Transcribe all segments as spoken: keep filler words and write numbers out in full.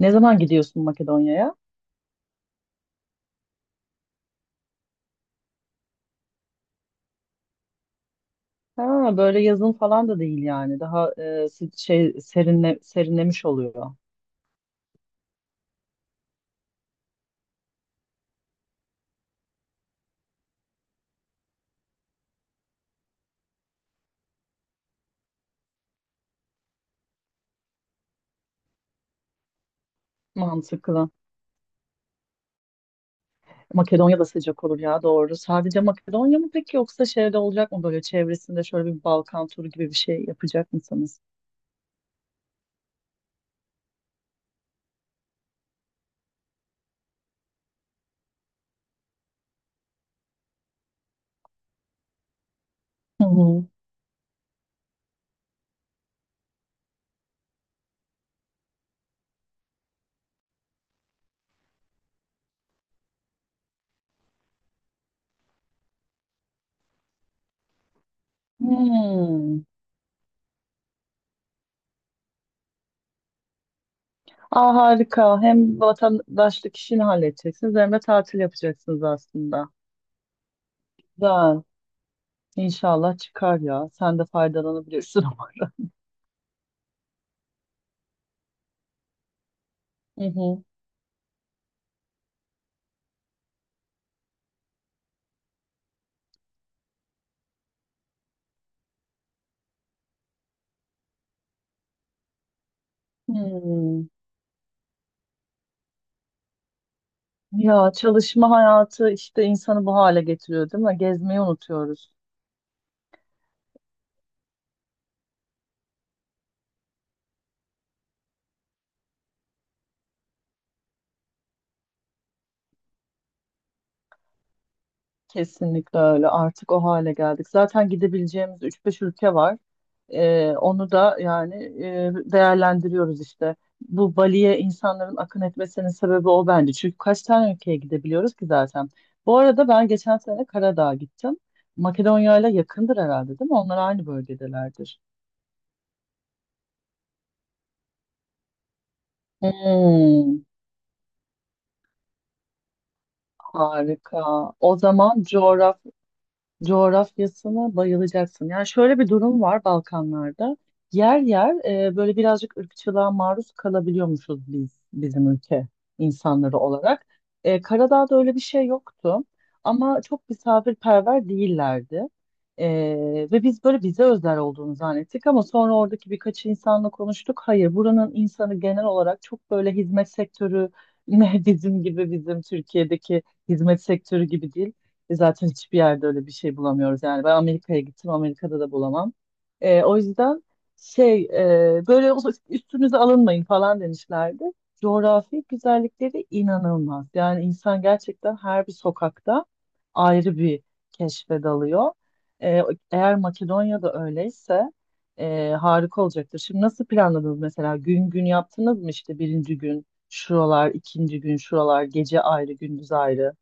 Ne zaman gidiyorsun Makedonya'ya? Ha, böyle yazın falan da değil yani. Daha e, si- şey serinle, serinlemiş oluyor. Mantıklı. Makedonya da sıcak olur ya, doğru. Sadece Makedonya mı peki, yoksa şeyde olacak mı, böyle çevresinde şöyle bir Balkan turu gibi bir şey yapacak mısınız? Hı hı. Hmm. Aa, harika. Hem vatandaşlık işini halledeceksiniz hem de tatil yapacaksınız aslında. Güzel. İnşallah çıkar ya. Sen de faydalanabilirsin ama. Hı hı. Hmm. Ya çalışma hayatı işte insanı bu hale getiriyor değil mi? Gezmeyi unutuyoruz. Kesinlikle öyle. Artık o hale geldik. Zaten gidebileceğimiz üç beş ülke var. Ee, onu da yani e, değerlendiriyoruz işte. Bu Bali'ye insanların akın etmesinin sebebi o bence. Çünkü kaç tane ülkeye gidebiliyoruz ki zaten. Bu arada ben geçen sene Karadağ'a gittim. Makedonya ile yakındır herhalde değil mi? Onlar aynı bölgedelerdir. Hmm. Harika. O zaman coğraf. coğrafyasına bayılacaksın. Yani şöyle bir durum var Balkanlarda. Yer yer e, böyle birazcık ırkçılığa maruz kalabiliyormuşuz, biz bizim ülke insanları olarak. E, Karadağ'da öyle bir şey yoktu ama çok misafirperver değillerdi. E, ve biz böyle bize özel olduğunu zannettik ama sonra oradaki birkaç insanla konuştuk. Hayır, buranın insanı genel olarak çok böyle hizmet sektörü ne bizim gibi, bizim Türkiye'deki hizmet sektörü gibi değil. E, Zaten hiçbir yerde öyle bir şey bulamıyoruz yani. Ben Amerika'ya gittim, Amerika'da da bulamam. Ee, o yüzden şey e, böyle o- üstünüze alınmayın falan demişlerdi. Coğrafi güzellikleri inanılmaz. Yani insan gerçekten her bir sokakta ayrı bir keşfe dalıyor. Ee, eğer Makedonya'da öyleyse e, harika olacaktır. Şimdi nasıl planladınız mesela? Gün gün yaptınız mı, işte birinci gün şuralar, ikinci gün şuralar, gece ayrı, gündüz ayrı?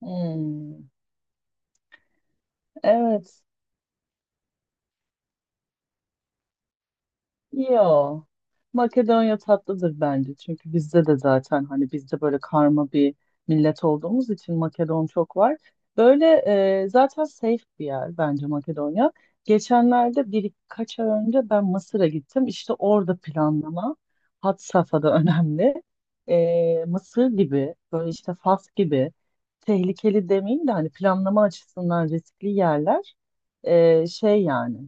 Hmm. Evet. Yo. Makedonya tatlıdır bence. Çünkü bizde de zaten, hani bizde böyle karma bir millet olduğumuz için Makedon çok var. Böyle e, zaten safe bir yer bence Makedonya. Geçenlerde birkaç ay önce ben Mısır'a gittim. İşte orada planlama had safhada önemli. E, Mısır gibi böyle, işte Fas gibi tehlikeli demeyeyim de hani planlama açısından riskli yerler, e, şey yani.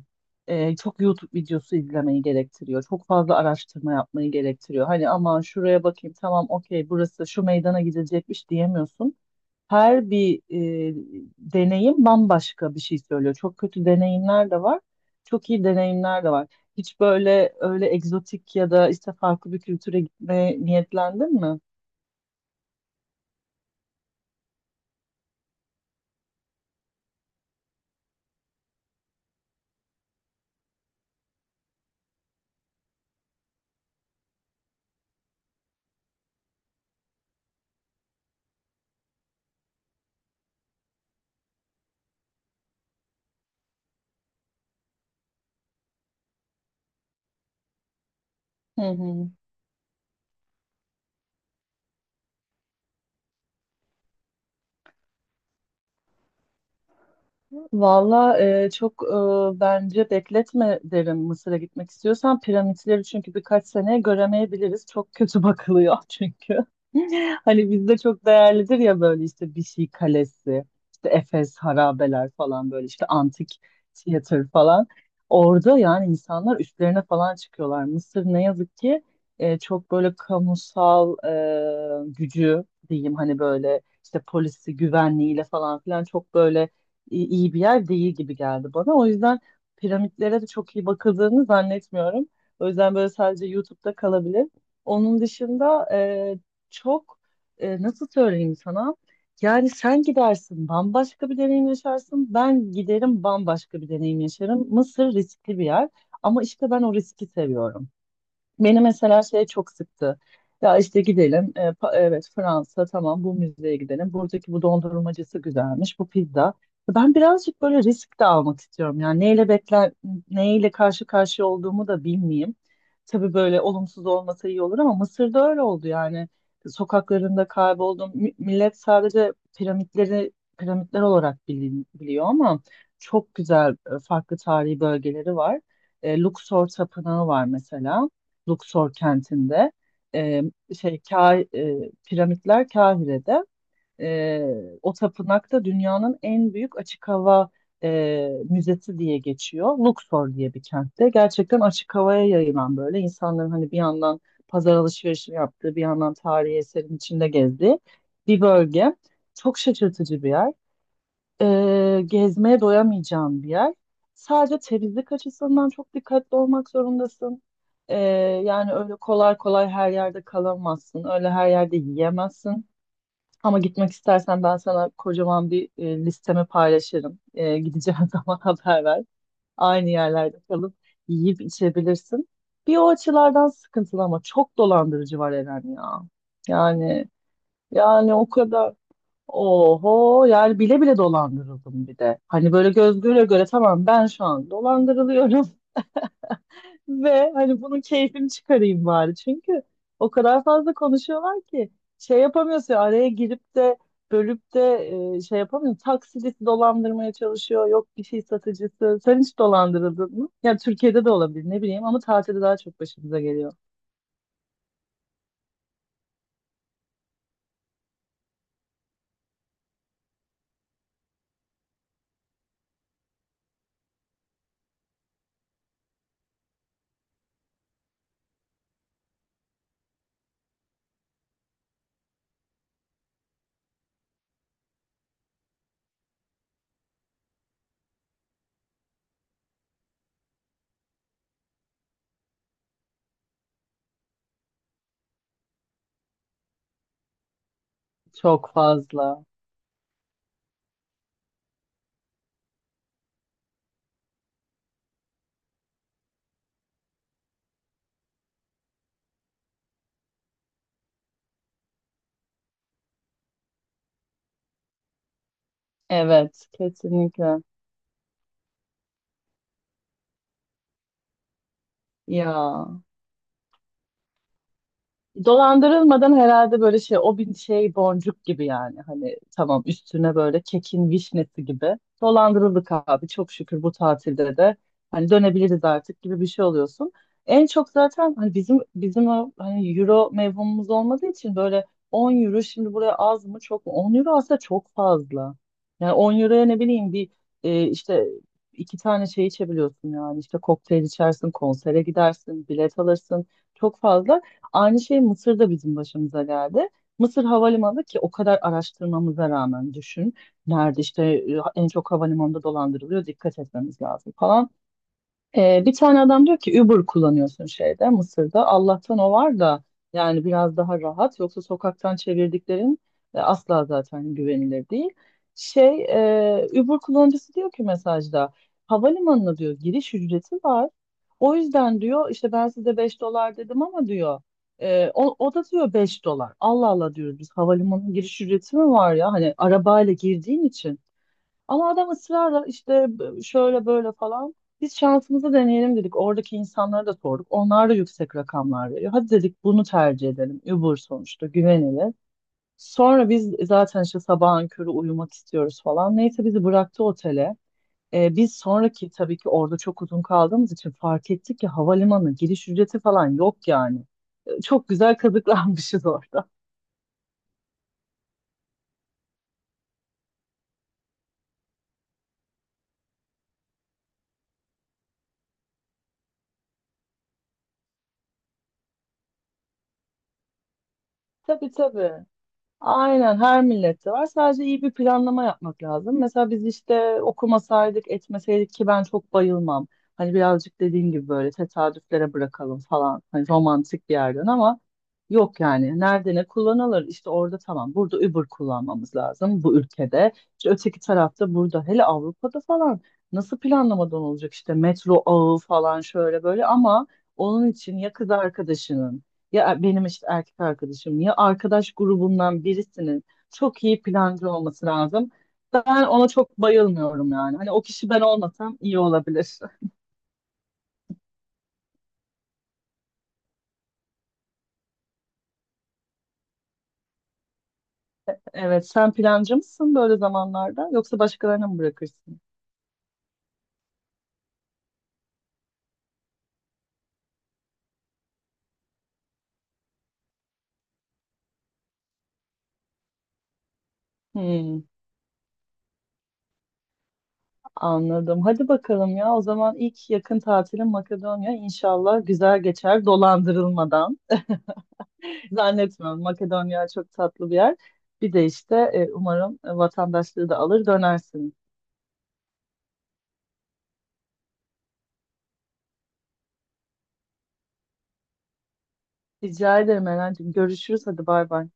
e, çok YouTube videosu izlemeyi gerektiriyor. Çok fazla araştırma yapmayı gerektiriyor. Hani aman şuraya bakayım, tamam okey, burası şu meydana gidecekmiş diyemiyorsun. Her bir e, deneyim bambaşka bir şey söylüyor. Çok kötü deneyimler de var. Çok iyi deneyimler de var. Hiç böyle öyle egzotik ya da işte farklı bir kültüre gitmeye niyetlendin mi? Hı hı. Valla e, çok e, bence bekletme derim Mısır'a gitmek istiyorsan. Piramitleri çünkü birkaç sene göremeyebiliriz. Çok kötü bakılıyor çünkü. Hani bizde çok değerlidir ya, böyle işte bir şey kalesi, işte Efes harabeler falan, böyle işte antik tiyatro falan. Orada yani insanlar üstlerine falan çıkıyorlar. Mısır ne yazık ki e, çok böyle kamusal e, gücü diyeyim, hani böyle işte polisi, güvenliğiyle falan filan çok böyle iyi iyi bir yer değil gibi geldi bana. O yüzden piramitlere de çok iyi bakıldığını zannetmiyorum. O yüzden böyle sadece YouTube'da kalabilir. Onun dışında e, çok e, nasıl söyleyeyim sana? Yani sen gidersin bambaşka bir deneyim yaşarsın. Ben giderim bambaşka bir deneyim yaşarım. Mısır riskli bir yer ama işte ben o riski seviyorum. Beni mesela şey çok sıktı. Ya işte gidelim. e, pa- evet Fransa, tamam, bu müzeye gidelim. Buradaki bu dondurmacısı güzelmiş. Bu pizza. Ben birazcık böyle risk de almak istiyorum. Yani neyle bekler, neyle karşı karşıya olduğumu da bilmeyeyim. Tabii böyle olumsuz olmasa iyi olur ama Mısır'da öyle oldu yani. Sokaklarında kayboldum. Mi- millet sadece piramitleri piramitler olarak bilin- biliyor, ama çok güzel e, farklı tarihi bölgeleri var. E, Luxor Tapınağı var mesela. Luxor kentinde. E, şey Ka e, piramitler Kahire'de. E, o tapınakta dünyanın en büyük açık hava e, müzesi diye geçiyor. Luxor diye bir kentte. Gerçekten açık havaya yayılan, böyle insanların hani bir yandan pazar alışverişini yaptığı, bir yandan tarihi eserin içinde gezdiği bir bölge. Çok şaşırtıcı bir yer, e, gezmeye doyamayacağın bir yer. Sadece temizlik açısından çok dikkatli olmak zorundasın. E, yani öyle kolay kolay her yerde kalamazsın. Öyle her yerde yiyemezsin. Ama gitmek istersen ben sana kocaman bir e, listemi paylaşırım. E, gideceğin zaman haber ver. Aynı yerlerde kalıp yiyip içebilirsin. Bir o açılardan sıkıntılı, ama çok dolandırıcı var Eren ya. Yani yani o kadar. Oho, yani bile bile dolandırıldım bir de. Hani böyle göz göre göre, tamam ben şu an dolandırılıyorum ve hani bunun keyfini çıkarayım bari. Çünkü o kadar fazla konuşuyorlar ki şey yapamıyorsun ya, araya girip de, bölüp de e, şey yapamıyorsun. Taksicisi dolandırmaya çalışıyor, yok bir şey satıcısı. Sen hiç dolandırıldın mı? Ya Türkiye'de de olabilir, ne bileyim, ama tatilde daha çok başımıza geliyor. Çok fazla. Evet, kesinlikle. Ya. Dolandırılmadan herhalde, böyle şey o bir şey boncuk gibi, yani hani tamam, üstüne böyle kekin vişnesi gibi dolandırıldık abi çok şükür, bu tatilde de hani dönebiliriz artık gibi bir şey oluyorsun. En çok zaten hani bizim bizim o hani euro mevhumumuz olmadığı için böyle, on euro şimdi buraya az mı çok mu, on euro aslında çok fazla. Yani on euroya, ne bileyim, bir e, işte iki tane şey içebiliyorsun, yani işte kokteyl içersin, konsere gidersin, bilet alırsın, çok fazla. Aynı şey Mısır'da bizim başımıza geldi. Mısır havalimanı, ki o kadar araştırmamıza rağmen, düşün. Nerede işte e, en çok havalimanında dolandırılıyor, dikkat etmemiz lazım falan. Ee, bir tane adam diyor ki, Uber kullanıyorsun şeyde, Mısır'da. Allah'tan o var da yani biraz daha rahat. Yoksa sokaktan çevirdiklerin e, asla zaten güvenilir değil. Şey e, Uber kullanıcısı diyor ki mesajda, havalimanına diyor giriş ücreti var. O yüzden diyor işte, ben size beş dolar dedim ama diyor e, o, o da diyor beş dolar. Allah Allah diyoruz, biz havalimanının giriş ücreti mi var ya, hani arabayla girdiğin için. Ama adam ısrarla işte, b- şöyle böyle falan. Biz şansımızı deneyelim dedik. Oradaki insanlara da sorduk. Onlar da yüksek rakamlar veriyor. Hadi dedik bunu tercih edelim. Uber sonuçta güvenilir. Sonra biz zaten işte sabahın körü uyumak istiyoruz falan. Neyse bizi bıraktı otele. Ee, biz sonraki, tabii ki orada çok uzun kaldığımız için fark ettik ki havalimanı giriş ücreti falan yok yani. Ee, Çok güzel kazıklanmışız orada. Tabii tabii. Aynen, her millette var. Sadece iyi bir planlama yapmak lazım. Mesela biz işte okumasaydık, etmeseydik ki, ben çok bayılmam. Hani birazcık, dediğim gibi, böyle tesadüflere bırakalım falan, hani romantik bir yerden, ama yok yani. Nerede ne kullanılır? İşte orada tamam. Burada Uber kullanmamız lazım bu ülkede. İşte öteki tarafta, burada, hele Avrupa'da falan nasıl planlamadan olacak, işte metro ağı falan şöyle böyle, ama onun için ya kız arkadaşının ya e, benim işte erkek arkadaşım ya arkadaş grubundan birisinin çok iyi plancı olması lazım. Ben ona çok bayılmıyorum yani. Hani o kişi ben olmasam iyi olabilir. Evet, sen plancı mısın böyle zamanlarda, yoksa başkalarına mı bırakırsın? Hmm, anladım. Hadi bakalım ya. O zaman ilk yakın tatilim Makedonya, İnşallah güzel geçer, dolandırılmadan. Zannetmiyorum. Makedonya çok tatlı bir yer. Bir de işte e, umarım e, vatandaşlığı da alır dönersin. Rica ederim Eren'cim. Görüşürüz. Hadi bay bay.